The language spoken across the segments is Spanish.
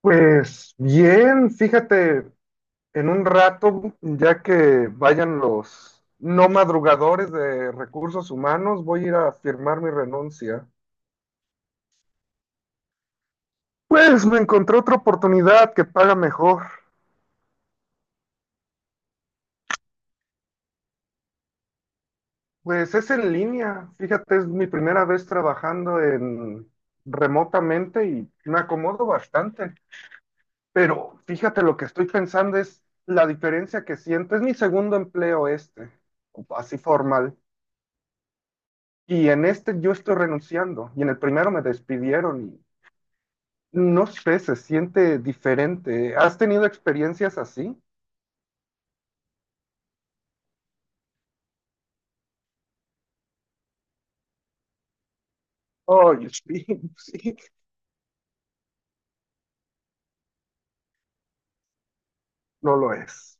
Pues bien, fíjate, en un rato, ya que vayan los no madrugadores de recursos humanos, voy a ir a firmar mi renuncia. Pues me encontré otra oportunidad que paga mejor. Pues es en línea, fíjate, es mi primera vez trabajando en remotamente y me acomodo bastante. Pero fíjate, lo que estoy pensando es la diferencia que siento. Es mi segundo empleo este, así formal. Y en este yo estoy renunciando y en el primero me despidieron y no sé, se siente diferente. ¿Has tenido experiencias así? Ay, sí, sí, no lo es.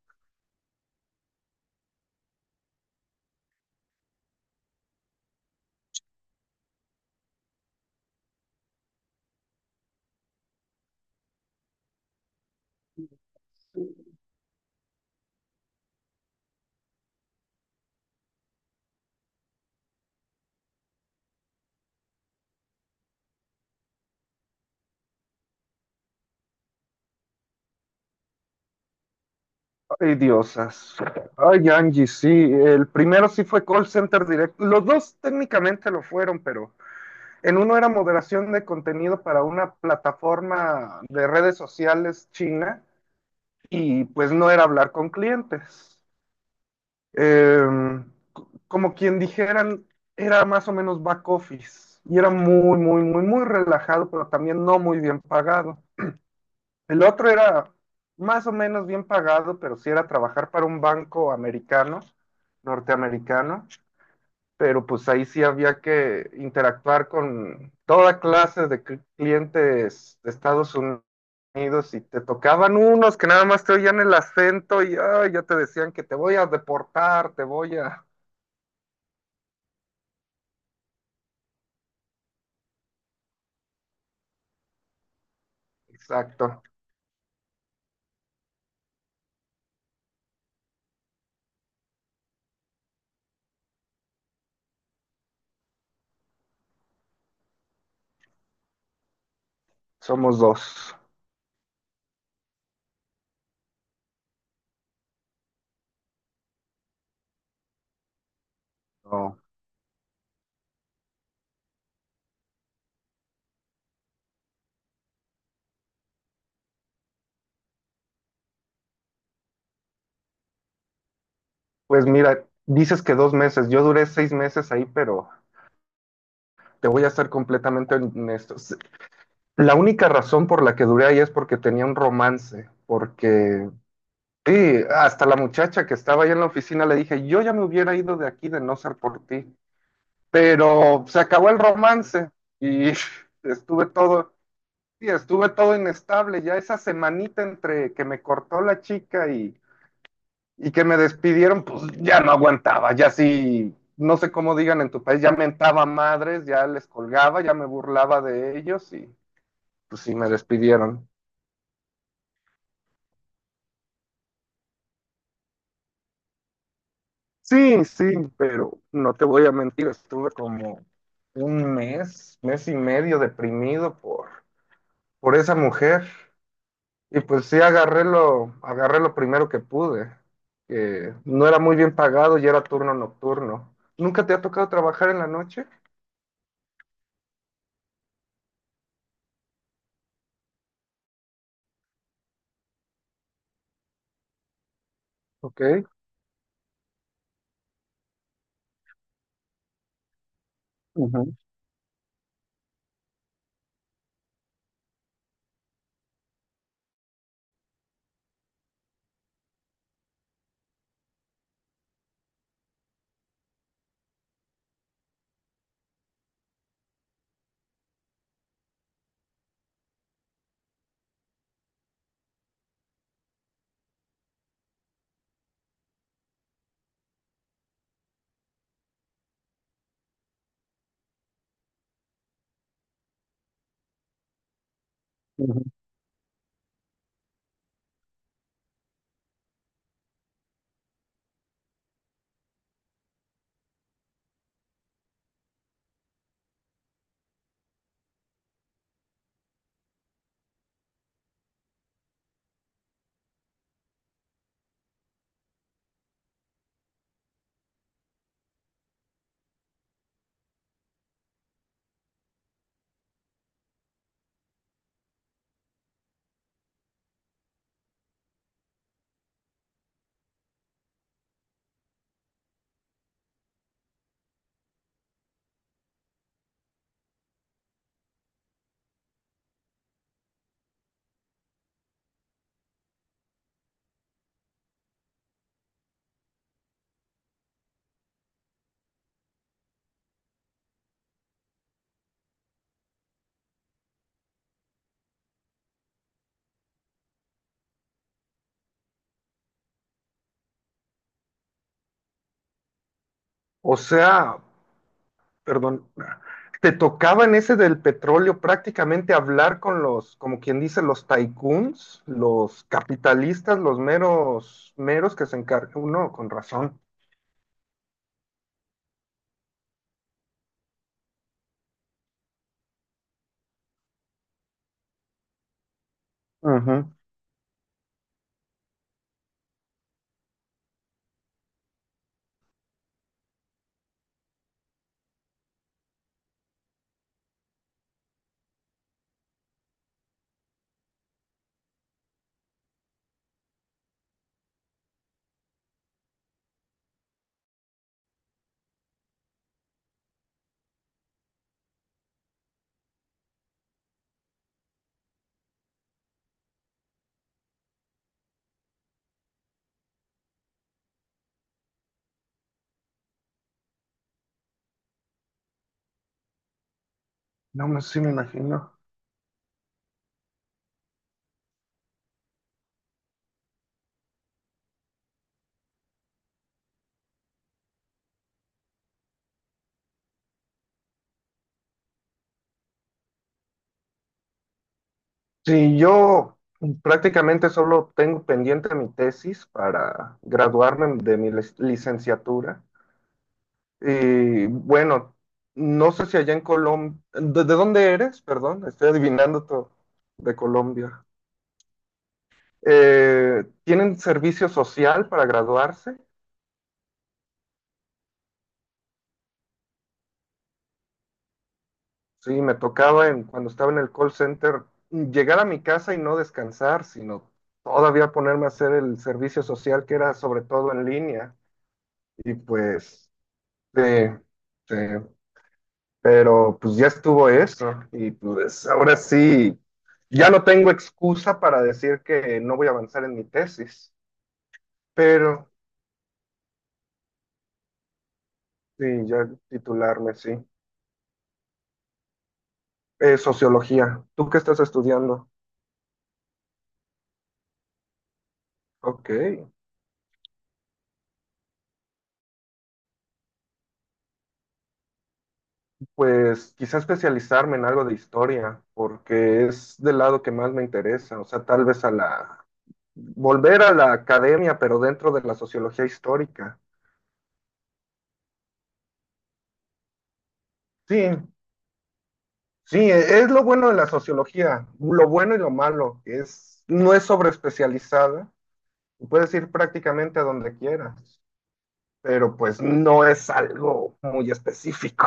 Ay, diosas. Ay, Angie, sí. El primero sí fue call center directo. Los dos técnicamente lo fueron, pero en uno era moderación de contenido para una plataforma de redes sociales china y pues no era hablar con clientes. eh, Como quien dijeran, era más o menos back office y era muy, muy, muy, muy relajado, pero también no muy bien pagado. El otro era más o menos bien pagado, pero sí era trabajar para un banco americano, norteamericano, pero pues ahí sí había que interactuar con toda clase de clientes de Estados Unidos y te tocaban unos que nada más te oían el acento y ay, ya te decían que te voy a deportar, te voy a... Exacto, somos dos. No. Pues mira, dices que dos meses, yo duré seis meses ahí, pero te voy a ser completamente honesto. La única razón por la que duré ahí es porque tenía un romance, porque sí, hasta la muchacha que estaba ahí en la oficina le dije, yo ya me hubiera ido de aquí de no ser por ti, pero se acabó el romance y estuve todo, sí, estuve todo inestable, ya esa semanita entre que me cortó la chica y que me despidieron, pues ya no aguantaba, ya sí, no sé cómo digan en tu país, ya mentaba madres, ya les colgaba, ya me burlaba de ellos y pues sí me despidieron. Sí, sí, pero no te voy a mentir, estuve como un mes, mes y medio deprimido por esa mujer y pues sí agarré lo primero que pude, que no era muy bien pagado y era turno nocturno. ¿Nunca te ha tocado trabajar en la noche? Ok. Ujú, ujú. O sea, perdón, te tocaba en ese del petróleo prácticamente hablar con los, como quien dice, los tycoons, los capitalistas, los meros, meros que se encargan. Uno, con razón. Ujú. No, me sí me imagino. Sí, yo prácticamente solo tengo pendiente mi tesis para graduarme de mi licenciatura. Y bueno, no sé si allá en Colombia, de dónde eres? Perdón, estoy adivinando todo. De Colombia. Tienen servicio social para graduarse. Sí, me tocaba en, cuando estaba en el call center llegar a mi casa y no descansar, sino todavía ponerme a hacer el servicio social que era sobre todo en línea. Y pues, sí, sí, pero pues ya estuvo eso. Y pues ahora sí, ya no tengo excusa para decir que no voy a avanzar en mi tesis, pero sí, ya titularme, sí. Sociología. ¿Tú qué estás estudiando? Ok. Pues quizá especializarme en algo de historia, porque es del lado que más me interesa, o sea, tal vez volver a la academia, pero dentro de la sociología histórica. Sí, sí, es lo bueno de la sociología, lo bueno y lo malo, que es, no es sobreespecializada, y puedes ir prácticamente a donde quieras, pero pues no es algo muy específico.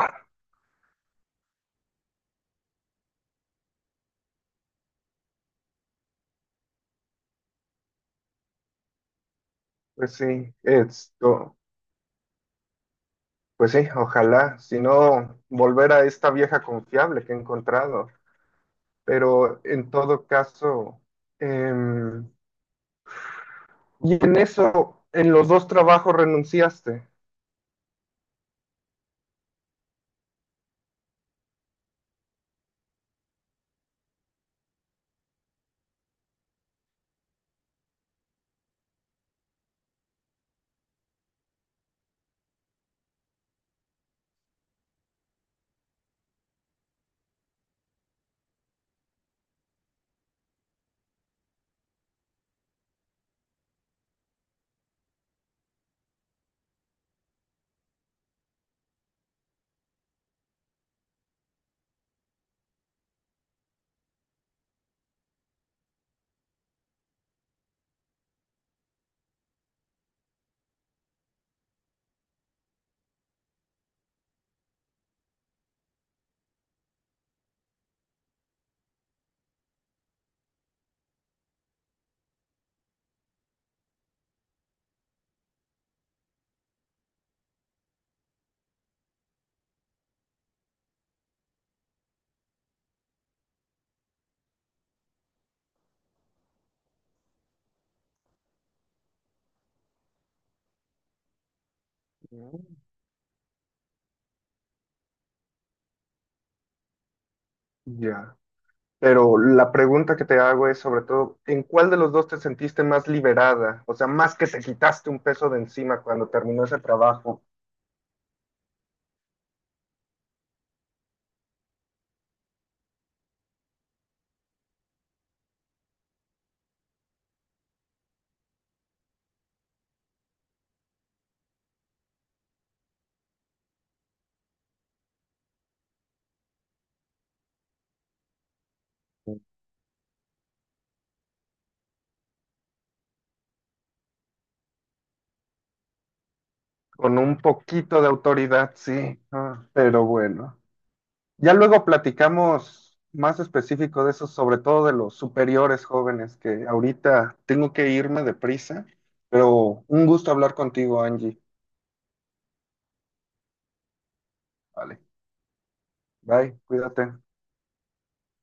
Pues sí, esto, pues sí, ojalá, si no, volver a esta vieja confiable que he encontrado. Pero en todo caso, em, y en eso, en los dos trabajos renunciaste. Mm. Ya. Pero la pregunta que te hago es sobre todo, ¿en cuál de los dos te sentiste más liberada? O sea, más que te quitaste un peso de encima cuando terminó ese trabajo, con un poquito de autoridad, sí. Ah, pero bueno. Ya luego platicamos más específico de eso, sobre todo de los superiores jóvenes, que ahorita tengo que irme deprisa, pero un gusto hablar contigo, Angie. Vale, bye, cuídate.